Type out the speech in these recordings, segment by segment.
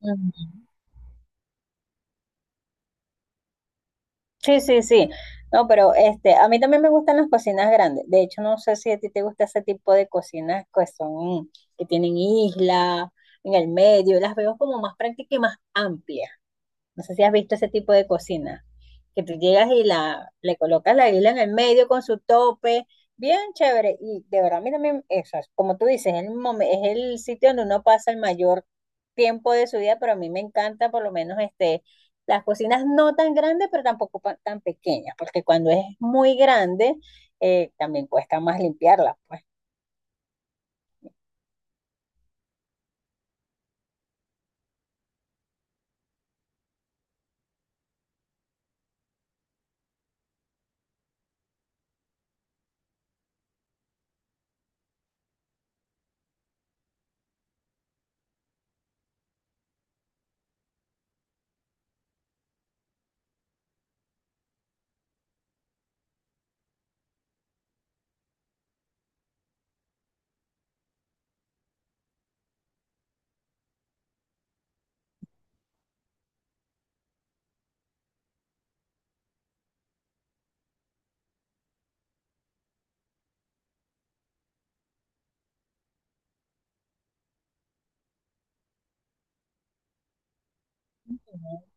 Ujú. Sí, sí, sí. No, pero este, a mí también me gustan las cocinas grandes. De hecho, no sé si a ti te gusta ese tipo de cocinas que tienen isla en el medio. Las veo como más prácticas y más amplias. No sé si has visto ese tipo de cocina, que tú llegas y le colocas la isla en el medio con su tope, bien chévere. Y de verdad, a mí también, eso es, como tú dices, es el sitio donde uno pasa el mayor tiempo de su día, pero a mí me encanta por lo menos este, las cocinas no tan grandes, pero tampoco tan pequeñas, porque cuando es muy grande, también cuesta más limpiarla, pues. ¿No?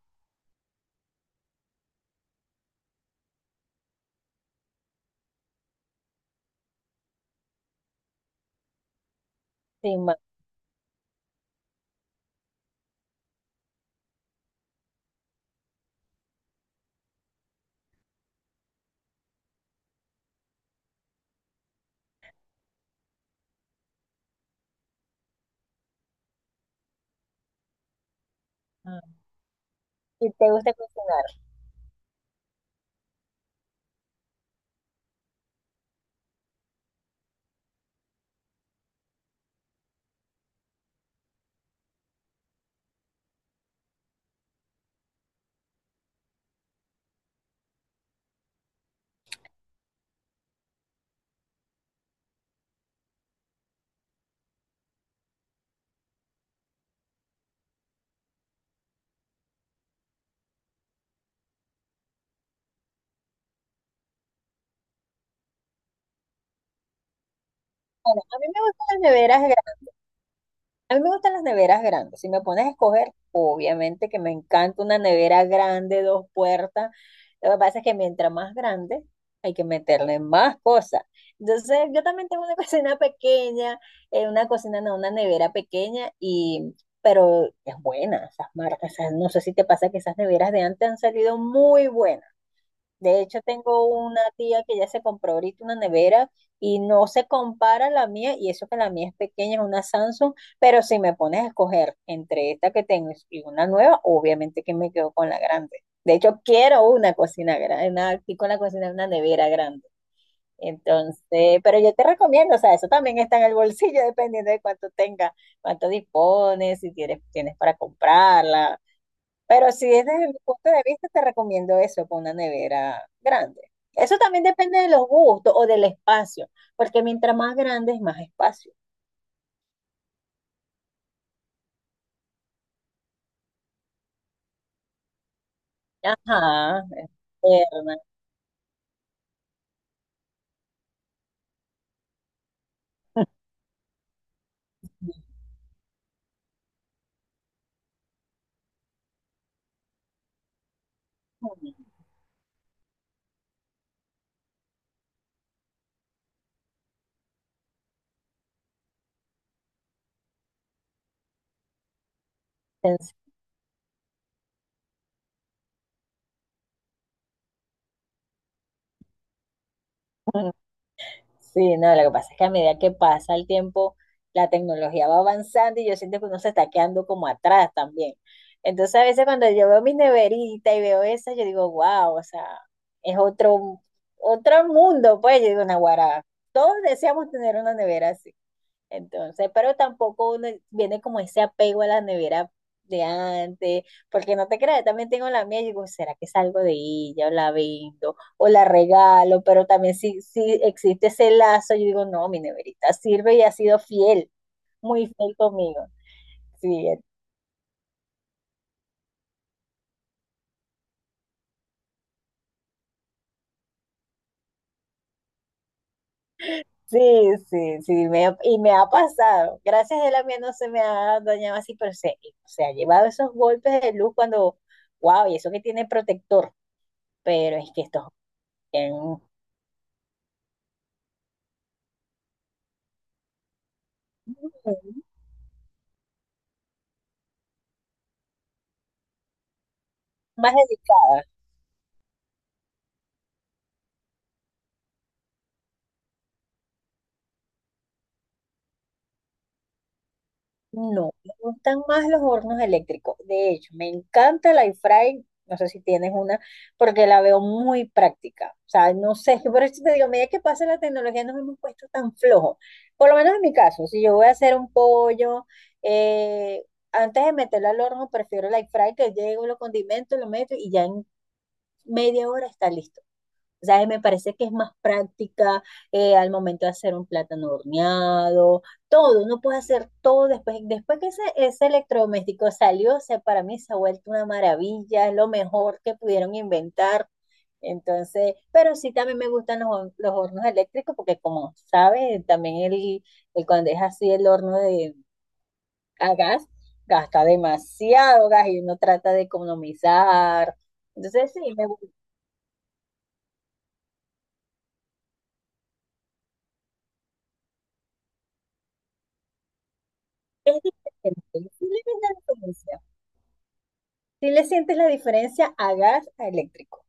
Sí. Ah, ¿y te gusta cocinar? A mí me gustan las neveras A mí me gustan las neveras grandes. Si me pones a escoger, obviamente que me encanta una nevera grande, dos puertas. Lo que pasa es que mientras más grande, hay que meterle más cosas. Entonces, yo también tengo una cocina pequeña, una cocina, no, una nevera pequeña, y, pero es buena esas marcas. No sé si te pasa que esas neveras de antes han salido muy buenas. De hecho, tengo una tía que ya se compró ahorita una nevera y no se compara a la mía, y eso que la mía es pequeña, es una Samsung, pero si me pones a escoger entre esta que tengo y una nueva, obviamente que me quedo con la grande. De hecho, quiero una cocina grande, una, aquí con la cocina, una nevera grande. Entonces, pero yo te recomiendo, o sea, eso también está en el bolsillo, dependiendo de cuánto tenga, cuánto dispones, si tienes, tienes para comprarla. Pero si es desde mi punto de vista, te recomiendo eso, con una nevera grande. Eso también depende de los gustos o del espacio, porque mientras más grande es más espacio. Ajá, es externa. Sí, no, lo que pasa es que a medida que pasa el tiempo, la tecnología va avanzando y yo siento que uno se está quedando como atrás también. Entonces, a veces cuando yo veo mi neverita y veo esa, yo digo, wow, o sea, es otro mundo, pues, yo digo, Naguará, todos deseamos tener una nevera así. Entonces, pero tampoco uno viene como ese apego a la nevera de antes, porque no te creas, también tengo la mía y digo, ¿será que salgo de ella o la vendo o la regalo? Pero también si existe ese lazo, yo digo, no, mi neverita sirve y ha sido fiel, muy fiel conmigo. Sí, sí, sí, sí, y me ha pasado. Gracias a la mía no se me ha dañado así, pero se ha llevado esos golpes de luz cuando, wow, y eso que tiene protector, pero es que esto... es bien más dedicadas. No, me gustan más los hornos eléctricos. De hecho, me encanta la air fry. No sé si tienes una, porque la veo muy práctica. O sea, no sé, por eso te digo, a medida que pasa la tecnología nos hemos puesto tan flojos. Por lo menos en mi caso, si yo voy a hacer un pollo, eh, antes de meterlo al horno, prefiero la air fry, que llego, lo condimento, lo meto y ya en media hora está listo. O sea, me parece que es más práctica al momento de hacer un plátano horneado, todo, uno puede hacer todo después que ese electrodoméstico salió, o sea, para mí se ha vuelto una maravilla, es lo mejor que pudieron inventar. Entonces, pero sí también me gustan los hornos eléctricos porque como sabes, también el cuando es así el horno de a gas, gasta demasiado gas y uno trata de economizar. Entonces, sí. Es diferente. Sí, le ves la diferencia. Si le sientes la diferencia a gas a eléctrico.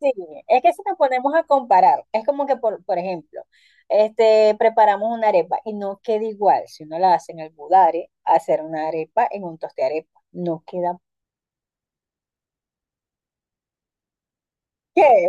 Sí, es que si nos ponemos a comparar, es como que, por ejemplo, este, preparamos una arepa y no queda igual si uno la hace en almudare, hacer una arepa en un toste arepa. No queda. ¿Qué?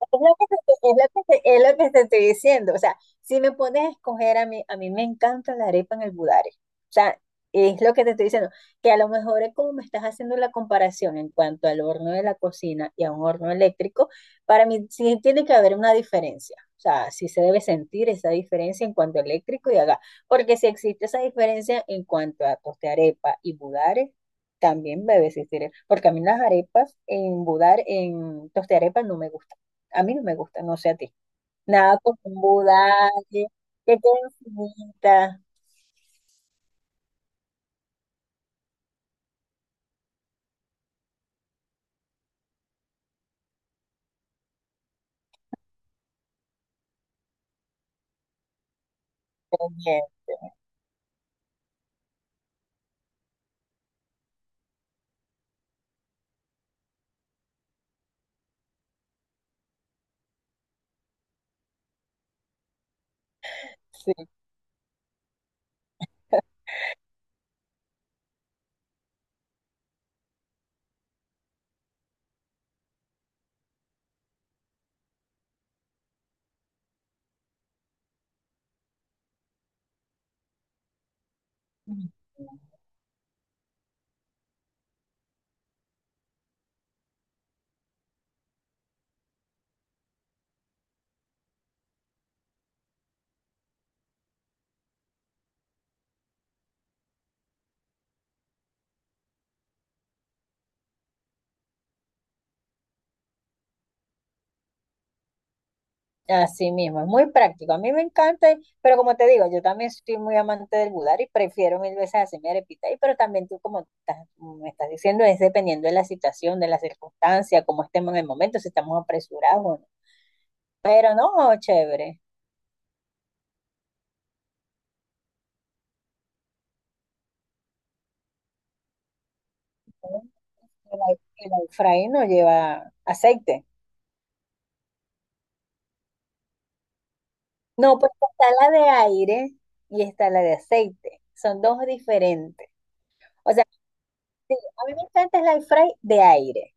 Es lo que te estoy diciendo. O sea, si me pones a escoger, a mí me encanta la arepa en el budare. O sea, es lo que te estoy diciendo. Que a lo mejor es como me estás haciendo la comparación en cuanto al horno de la cocina y a un horno eléctrico, para mí sí tiene que haber una diferencia. O sea, sí se debe sentir esa diferencia en cuanto a eléctrico y a gas. Porque si existe esa diferencia en cuanto a torta de arepa y budare, también debe existir. Porque a mí las arepas en budar, en tostearepa no me gustan. A mí no me gusta, no sé a ti. Nada con un budalle, que queden finitas. Bien, sí. Mm. Así mismo, es muy práctico. A mí me encanta, pero como te digo, yo también soy muy amante del budar y prefiero mil veces hacer mi arepita. Y pero también tú, como me estás diciendo, es dependiendo de la situación, de la circunstancia, cómo estemos en el momento, si estamos apresurados o no. Pero no, chévere. ¿No? El, el air fry no lleva aceite. No, porque está la de aire y está la de aceite. Son dos diferentes. O sea, sí, a mí me encanta el air fry de aire.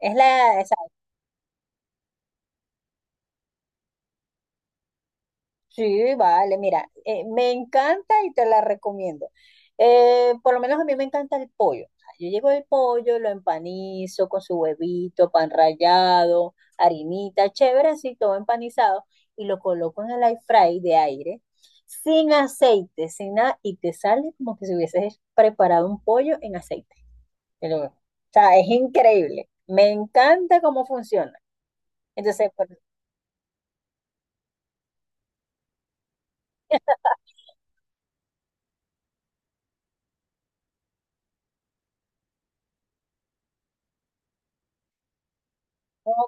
Es la, Sí, vale, mira, me encanta y te la recomiendo. Por lo menos a mí me encanta el pollo. O sea, yo llego el pollo, lo empanizo con su huevito, pan rallado, harinita, chévere, así todo empanizado, y lo coloco en el air fry de aire, sin aceite, sin nada, y te sale como que si hubieses preparado un pollo en aceite. O sea, es increíble. Me encanta cómo funciona. Entonces, pues,